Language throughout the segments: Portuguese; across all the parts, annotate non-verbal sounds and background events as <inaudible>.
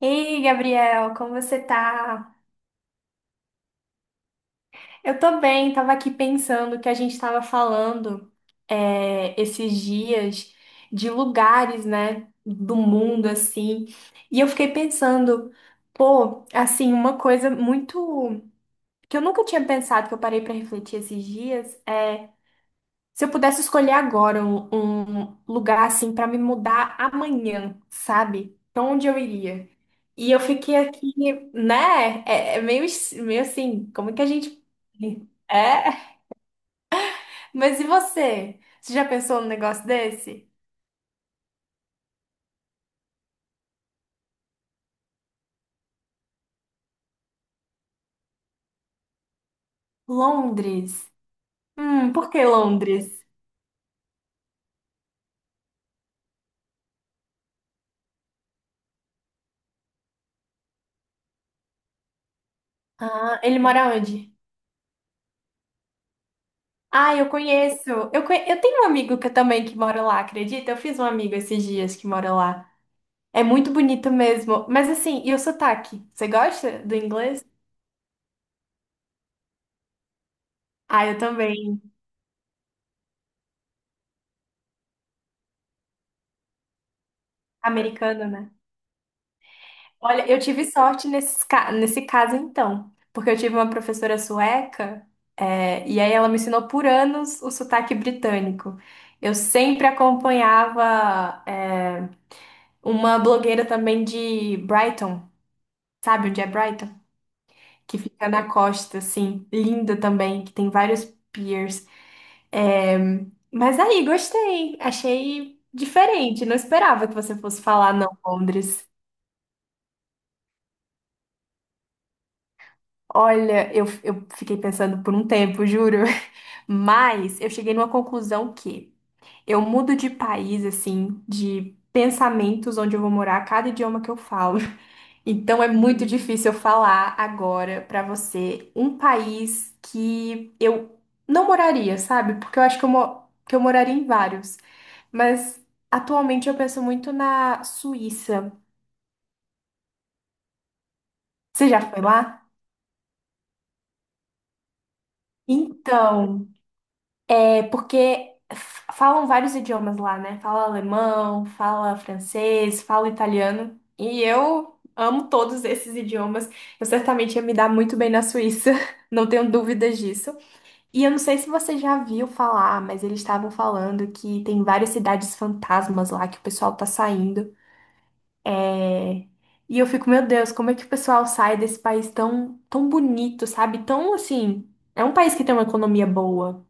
Ei, Gabriel, como você tá? Eu tô bem, tava aqui pensando que a gente tava falando esses dias de lugares, né, do mundo, assim, e eu fiquei pensando, pô, assim, uma coisa muito que eu nunca tinha pensado, que eu parei pra refletir esses dias. Se eu pudesse escolher agora um lugar assim para me mudar amanhã, sabe? Pra onde eu iria? E eu fiquei aqui, né? É, é meio, meio assim, como é que a gente. <laughs> É? Mas e você? Você já pensou num negócio desse? Londres. Por que Londres? Ah, ele mora onde? Ah, eu conheço. Eu tenho um amigo que eu também que mora lá, acredita? Eu fiz um amigo esses dias que mora lá. É muito bonito mesmo. Mas assim, e o sotaque? Você gosta do inglês? Ah, eu também. Americano, né? Olha, eu tive sorte nesse caso, então. Porque eu tive uma professora sueca, e aí ela me ensinou por anos o sotaque britânico. Eu sempre acompanhava, uma blogueira também de Brighton, sabe onde é Brighton? Que fica na costa, assim, linda também, que tem vários piers. É, mas aí, gostei. Achei diferente. Não esperava que você fosse falar não, Londres. Olha, eu fiquei pensando por um tempo, juro. <laughs> Mas eu cheguei numa conclusão que eu mudo de país, assim, de pensamentos onde eu vou morar, cada idioma que eu falo. Então é muito difícil eu falar agora pra você um país que eu não moraria, sabe? Porque eu acho que que eu moraria em vários. Mas atualmente eu penso muito na Suíça. Você já foi lá? Então, é porque falam vários idiomas lá, né? Fala alemão, fala francês, fala italiano. E eu amo todos esses idiomas. Eu certamente ia me dar muito bem na Suíça. <laughs> Não tenho dúvidas disso. E eu não sei se você já viu falar, mas eles estavam falando que tem várias cidades fantasmas lá que o pessoal tá saindo. É, E eu fico, meu Deus, como é que o pessoal sai desse país tão, tão bonito, sabe? Tão assim. É um país que tem uma economia boa.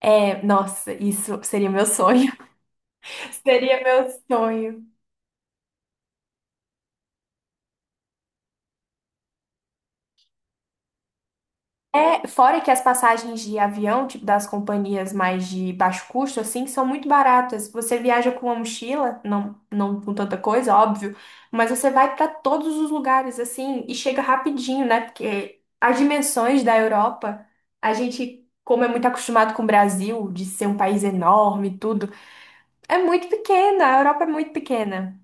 É, nossa, isso seria meu sonho. <laughs> Seria meu sonho. É, fora que as passagens de avião, tipo das companhias mais de baixo custo, assim, são muito baratas. Você viaja com uma mochila, não, não com tanta coisa, óbvio, mas você vai para todos os lugares, assim, e chega rapidinho, né? Porque as dimensões da Europa, a gente, como é muito acostumado com o Brasil, de ser um país enorme e tudo, é muito pequena. A Europa é muito pequena.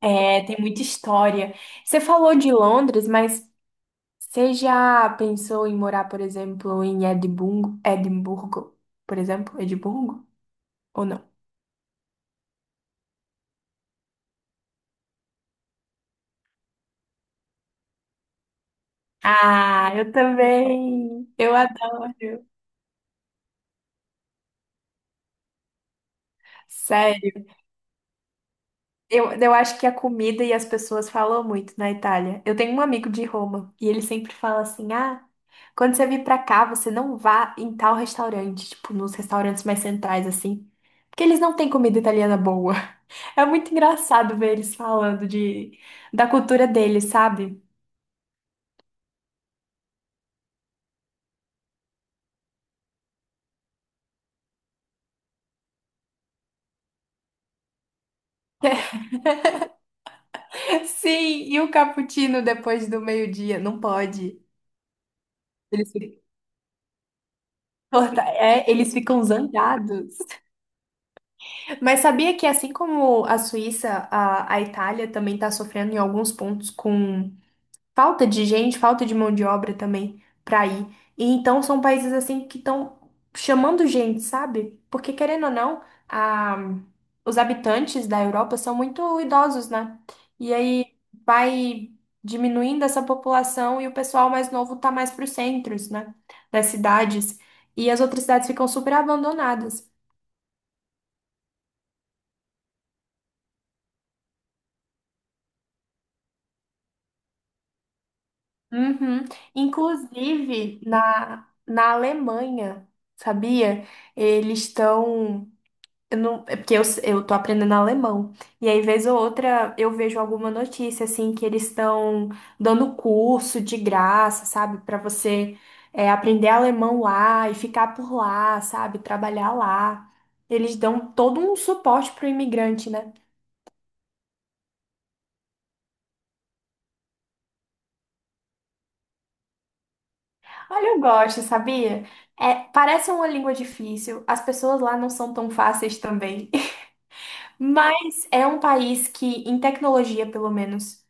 É, tem muita história. Você falou de Londres, mas. Você já pensou em morar, por exemplo, em Edimburgo, por exemplo, Edimburgo? Ou não? Ah, eu também. Eu adoro. Sério. Eu acho que a comida e as pessoas falam muito na Itália. Eu tenho um amigo de Roma e ele sempre fala assim: ah, quando você vir pra cá, você não vá em tal restaurante, tipo, nos restaurantes mais centrais, assim. Porque eles não têm comida italiana boa. <laughs> É muito engraçado ver eles falando de, da cultura deles, sabe? Sim, e o cappuccino depois do meio-dia? Não pode. Eles ficam, eles ficam zangados. Mas sabia que assim como a Suíça, a Itália também está sofrendo em alguns pontos com falta de gente, falta de mão de obra também para ir. E então são países assim que estão chamando gente, sabe? Porque querendo ou não, a- os habitantes da Europa são muito idosos, né? E aí vai diminuindo essa população e o pessoal mais novo tá mais para os centros, né? Das cidades. E as outras cidades ficam super abandonadas. Uhum. Inclusive na Alemanha, sabia? Eles estão. Eu não, é porque eu tô aprendendo alemão. E aí, vez ou outra, eu vejo alguma notícia, assim, que eles estão dando curso de graça, sabe? Pra você aprender alemão lá e ficar por lá, sabe? Trabalhar lá. Eles dão todo um suporte pro imigrante, né? Olha, eu gosto, sabia? É, parece uma língua difícil. As pessoas lá não são tão fáceis também. <laughs> Mas é um país que, em tecnologia, pelo menos.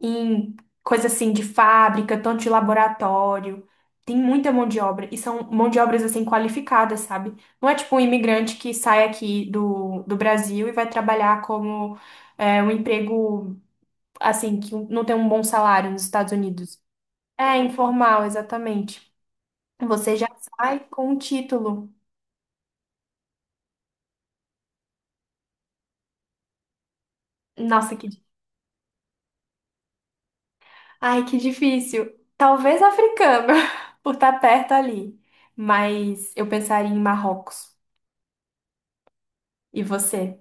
Em coisa assim de fábrica, tanto de laboratório. Tem muita mão de obra e são mão de obras assim qualificadas, sabe? Não é tipo um imigrante que sai aqui do Brasil e vai trabalhar como um emprego assim que não tem um bom salário nos Estados Unidos. É informal, exatamente. Você já sai com um título. Nossa, que ai, que difícil. Talvez africano, <laughs> por estar perto ali. Mas eu pensaria em Marrocos. E você?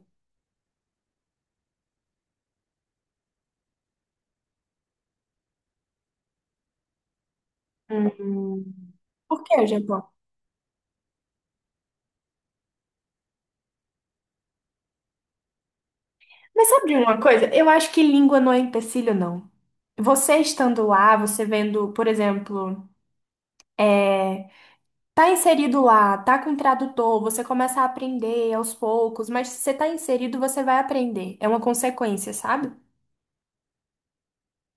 Hum, por que o Japão? Mas sabe de uma coisa? Eu acho que língua não é empecilho, não. Você estando lá, você vendo, por exemplo, é, tá inserido lá, tá com tradutor, você começa a aprender aos poucos, mas se você tá inserido, você vai aprender. É uma consequência, sabe?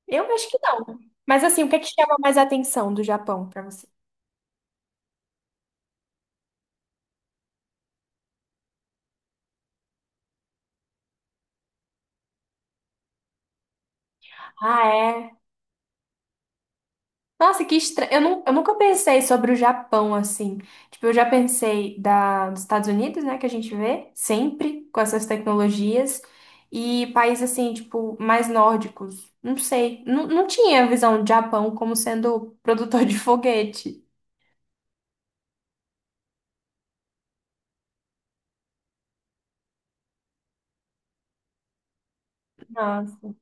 Eu acho que não. Mas assim, o que é que chama mais atenção do Japão pra você? Ah, é? Nossa, que estranho. Eu nunca pensei sobre o Japão assim. Tipo, eu já pensei dos Estados Unidos, né, que a gente vê sempre com essas tecnologias, e países assim, tipo, mais nórdicos. Não sei. Não, não tinha a visão do Japão como sendo produtor de foguete. Nossa.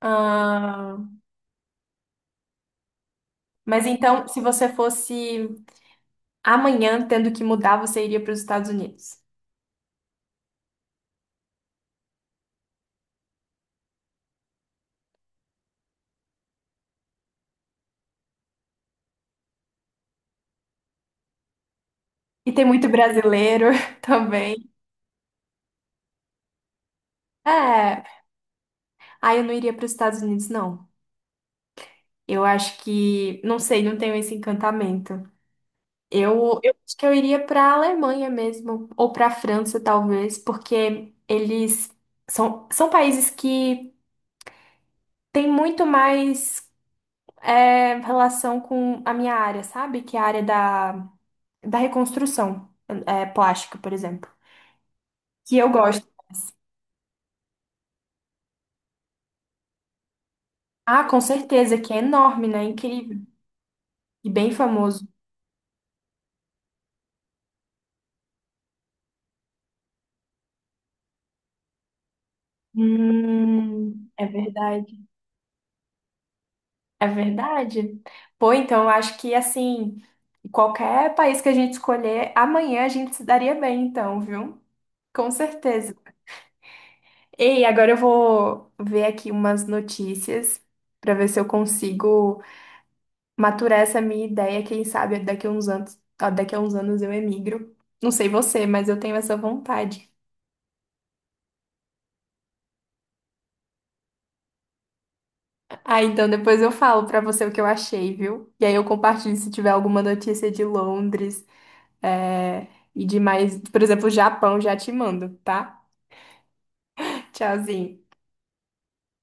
Ah, mas então, se você fosse amanhã tendo que mudar, você iria para os Estados Unidos. E tem muito brasileiro <laughs> também. É. Ah, eu não iria para os Estados Unidos, não. Eu acho que, não sei, não tenho esse encantamento. Eu acho que eu iria para a Alemanha mesmo, ou para a França, talvez, porque eles são países que têm muito mais relação com a minha área, sabe? Que é a área da reconstrução plástica, por exemplo. Que eu gosto. Ah, com certeza, que é enorme, né? Incrível. E bem famoso. É verdade. É verdade. Pô, então eu acho que assim, qualquer país que a gente escolher, amanhã a gente se daria bem, então, viu? Com certeza. Ei, agora eu vou ver aqui umas notícias para ver se eu consigo maturar essa minha ideia. Quem sabe daqui a uns anos, ó, daqui a uns anos eu emigro. Não sei você, mas eu tenho essa vontade. Ah, então depois eu falo para você o que eu achei, viu? E aí eu compartilho se tiver alguma notícia de Londres. É, e de mais, por exemplo, Japão, já te mando, tá? <laughs> Tchauzinho.